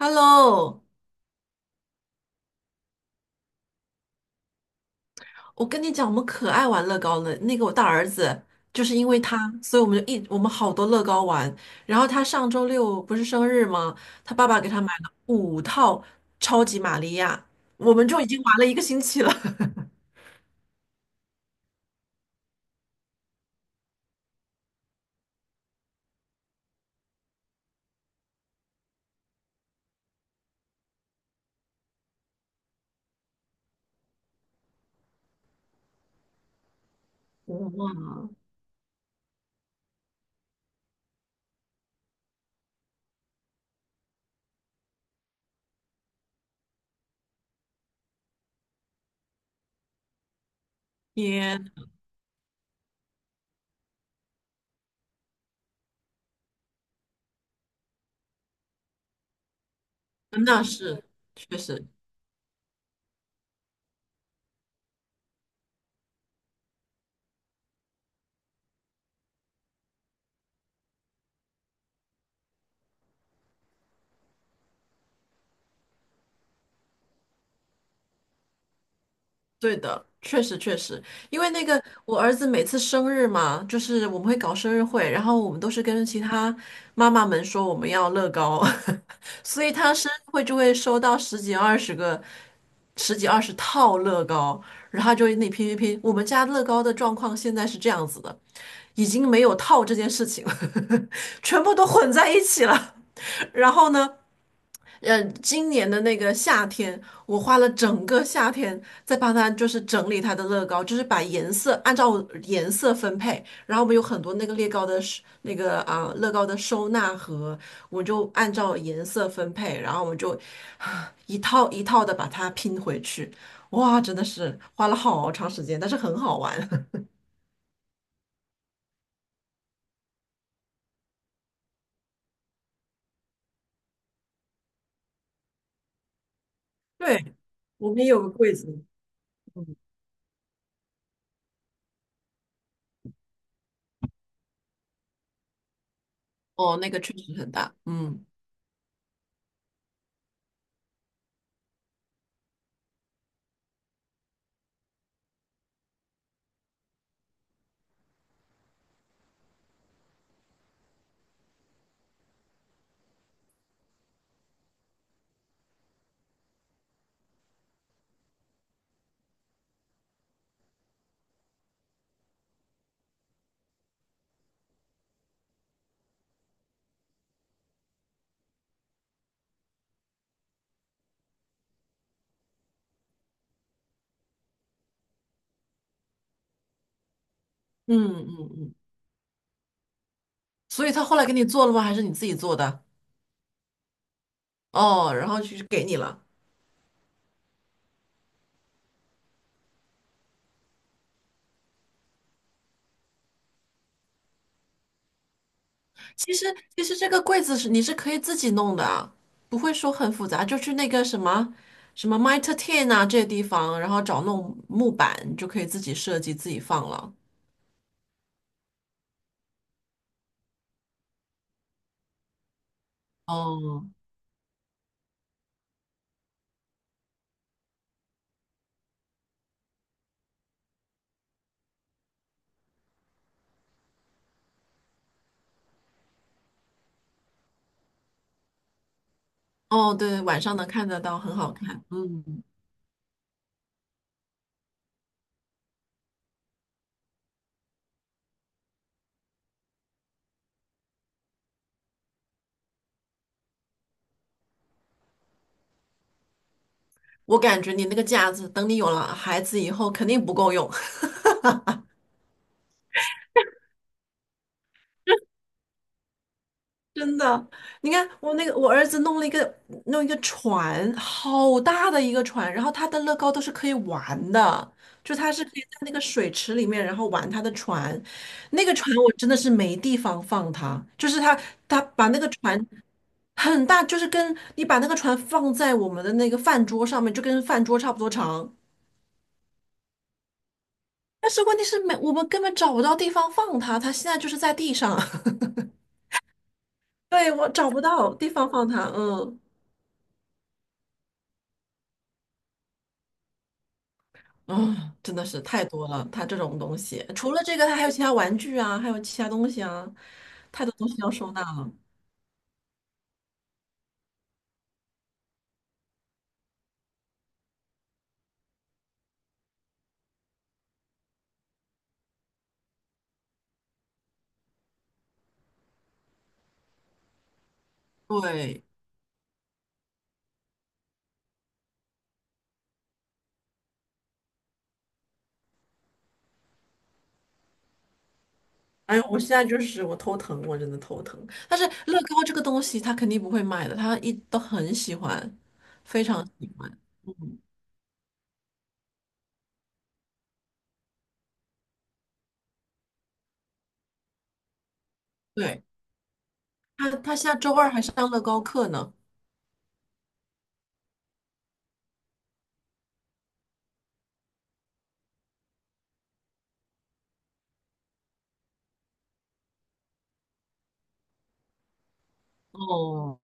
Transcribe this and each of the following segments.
Hello，我跟你讲，我们可爱玩乐高了。那个我大儿子就是因为他，所以我们好多乐高玩。然后他上周六不是生日吗？他爸爸给他买了五套超级玛利亚，我们就已经玩了一个星期了。哇，天，那是确实，对的，确实确实，因为那个我儿子每次生日嘛，就是我们会搞生日会，然后我们都是跟其他妈妈们说我们要乐高，所以他生日会就会收到十几二十个、十几二十套乐高，然后他就会那拼拼拼。我们家乐高的状况现在是这样子的，已经没有套这件事情了，全部都混在一起了。然后呢，今年的那个夏天，我花了整个夏天在帮他，就是整理他的乐高，就是把颜色按照颜色分配。然后我们有很多那个乐高的收纳盒，我就按照颜色分配，然后我们就一套一套的把它拼回去。哇，真的是花了好长时间，但是很好玩。对，我们也有个柜子。嗯，哦，那个确实很大。嗯嗯嗯嗯。所以他后来给你做了吗？还是你自己做的？哦，然后就给你了。其实这个柜子你是可以自己弄的啊不会说很复杂，就去那个什么什么 Mitre Ten 啊这些地方，然后找那种木板，你就可以自己设计自己放了。哦哦，对，晚上能看得到，很好看。嗯，我感觉你那个架子，等你有了孩子以后，肯定不够用。真的，你看我那个我儿子弄了一个船，好大的一个船，然后他的乐高都是可以玩的，就他是可以在那个水池里面，然后玩他的船。那个船我真的是没地方放它，就是他把那个船很大，就是跟你把那个船放在我们的那个饭桌上面，就跟饭桌差不多长。但是问题是没，我们根本找不到地方放它，它现在就是在地上，对，我找不到地方放它，嗯。啊，真的是太多了，它这种东西，除了这个，它还有其他玩具啊，还有其他东西啊，太多东西要收纳了。对，哎呦，我现在就是我头疼，我真的头疼。但是乐高这个东西，他肯定不会卖的，他都很喜欢，非常喜欢。对，他下周二还上乐高课呢。哦，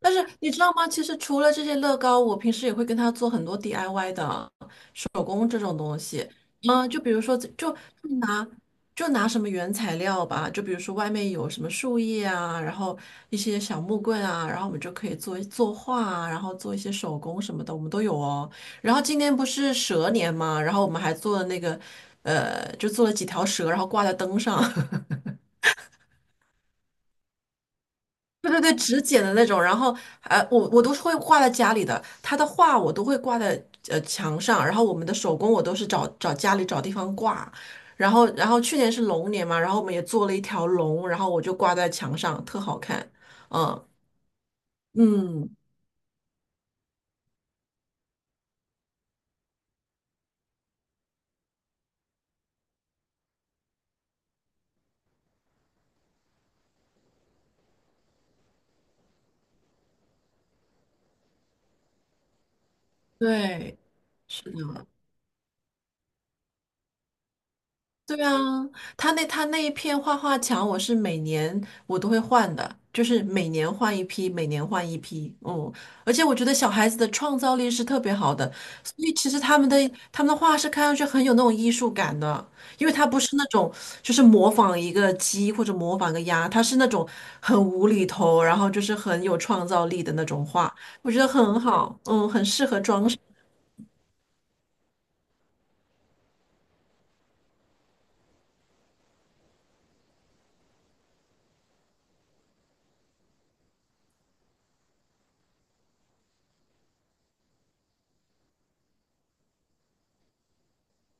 但是你知道吗？其实除了这些乐高，我平时也会跟他做很多 DIY 的手工这种东西。嗯，就比如说，拿就拿什么原材料吧，就比如说外面有什么树叶啊，然后一些小木棍啊，然后我们就可以作画啊，然后做一些手工什么的，我们都有哦。然后今年不是蛇年嘛，然后我们还做了那个，就做了几条蛇，然后挂在灯上。对对对，纸剪的那种，然后我都是会挂在家里的，他的画我都会挂在墙上，然后我们的手工我都是找找家里找地方挂，然后去年是龙年嘛，然后我们也做了一条龙，然后我就挂在墙上，特好看，嗯嗯，对，是的，对啊，他那一片画画墙，我是每年我都会换的，就是每年换一批，每年换一批。嗯，而且我觉得小孩子的创造力是特别好的，所以其实他们的画是看上去很有那种艺术感的，因为他不是那种就是模仿一个鸡或者模仿一个鸭，他是那种很无厘头，然后就是很有创造力的那种画，我觉得很好，嗯，很适合装饰。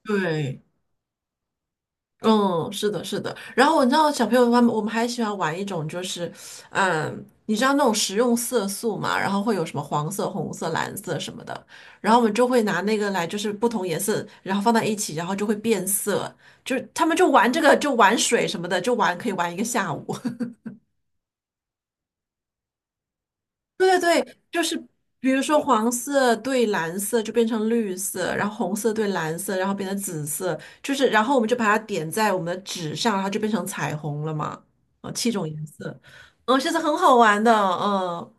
对，嗯，是的，是的。然后你知道，小朋友他们我们还喜欢玩一种，就是，嗯，你知道那种食用色素嘛？然后会有什么黄色、红色、蓝色什么的。然后我们就会拿那个来，就是不同颜色，然后放在一起，然后就会变色。就是他们就玩这个，就玩水什么的，就玩可以玩一个下午。对对对，就是比如说黄色对蓝色就变成绿色，然后红色对蓝色，然后变成紫色，就是然后我们就把它点在我们的纸上，然后就变成彩虹了嘛，七种颜色，嗯，其实很好玩的，嗯，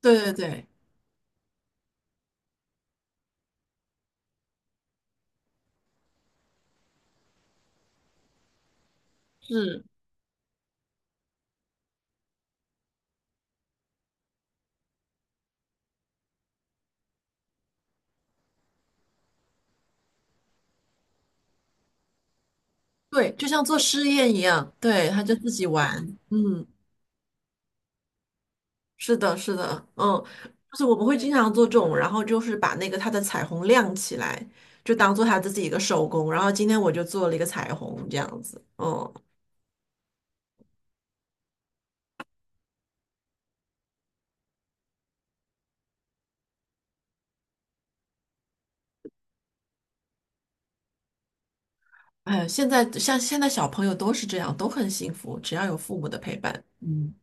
对对对，是，对，就像做实验一样，对，他就自己玩，嗯。是的，是的，嗯，就是我们会经常做这种，然后就是把那个它的彩虹亮起来，就当做它自己一个手工。然后今天我就做了一个彩虹，这样子，嗯，哎像现在小朋友都是这样，都很幸福，只要有父母的陪伴。嗯。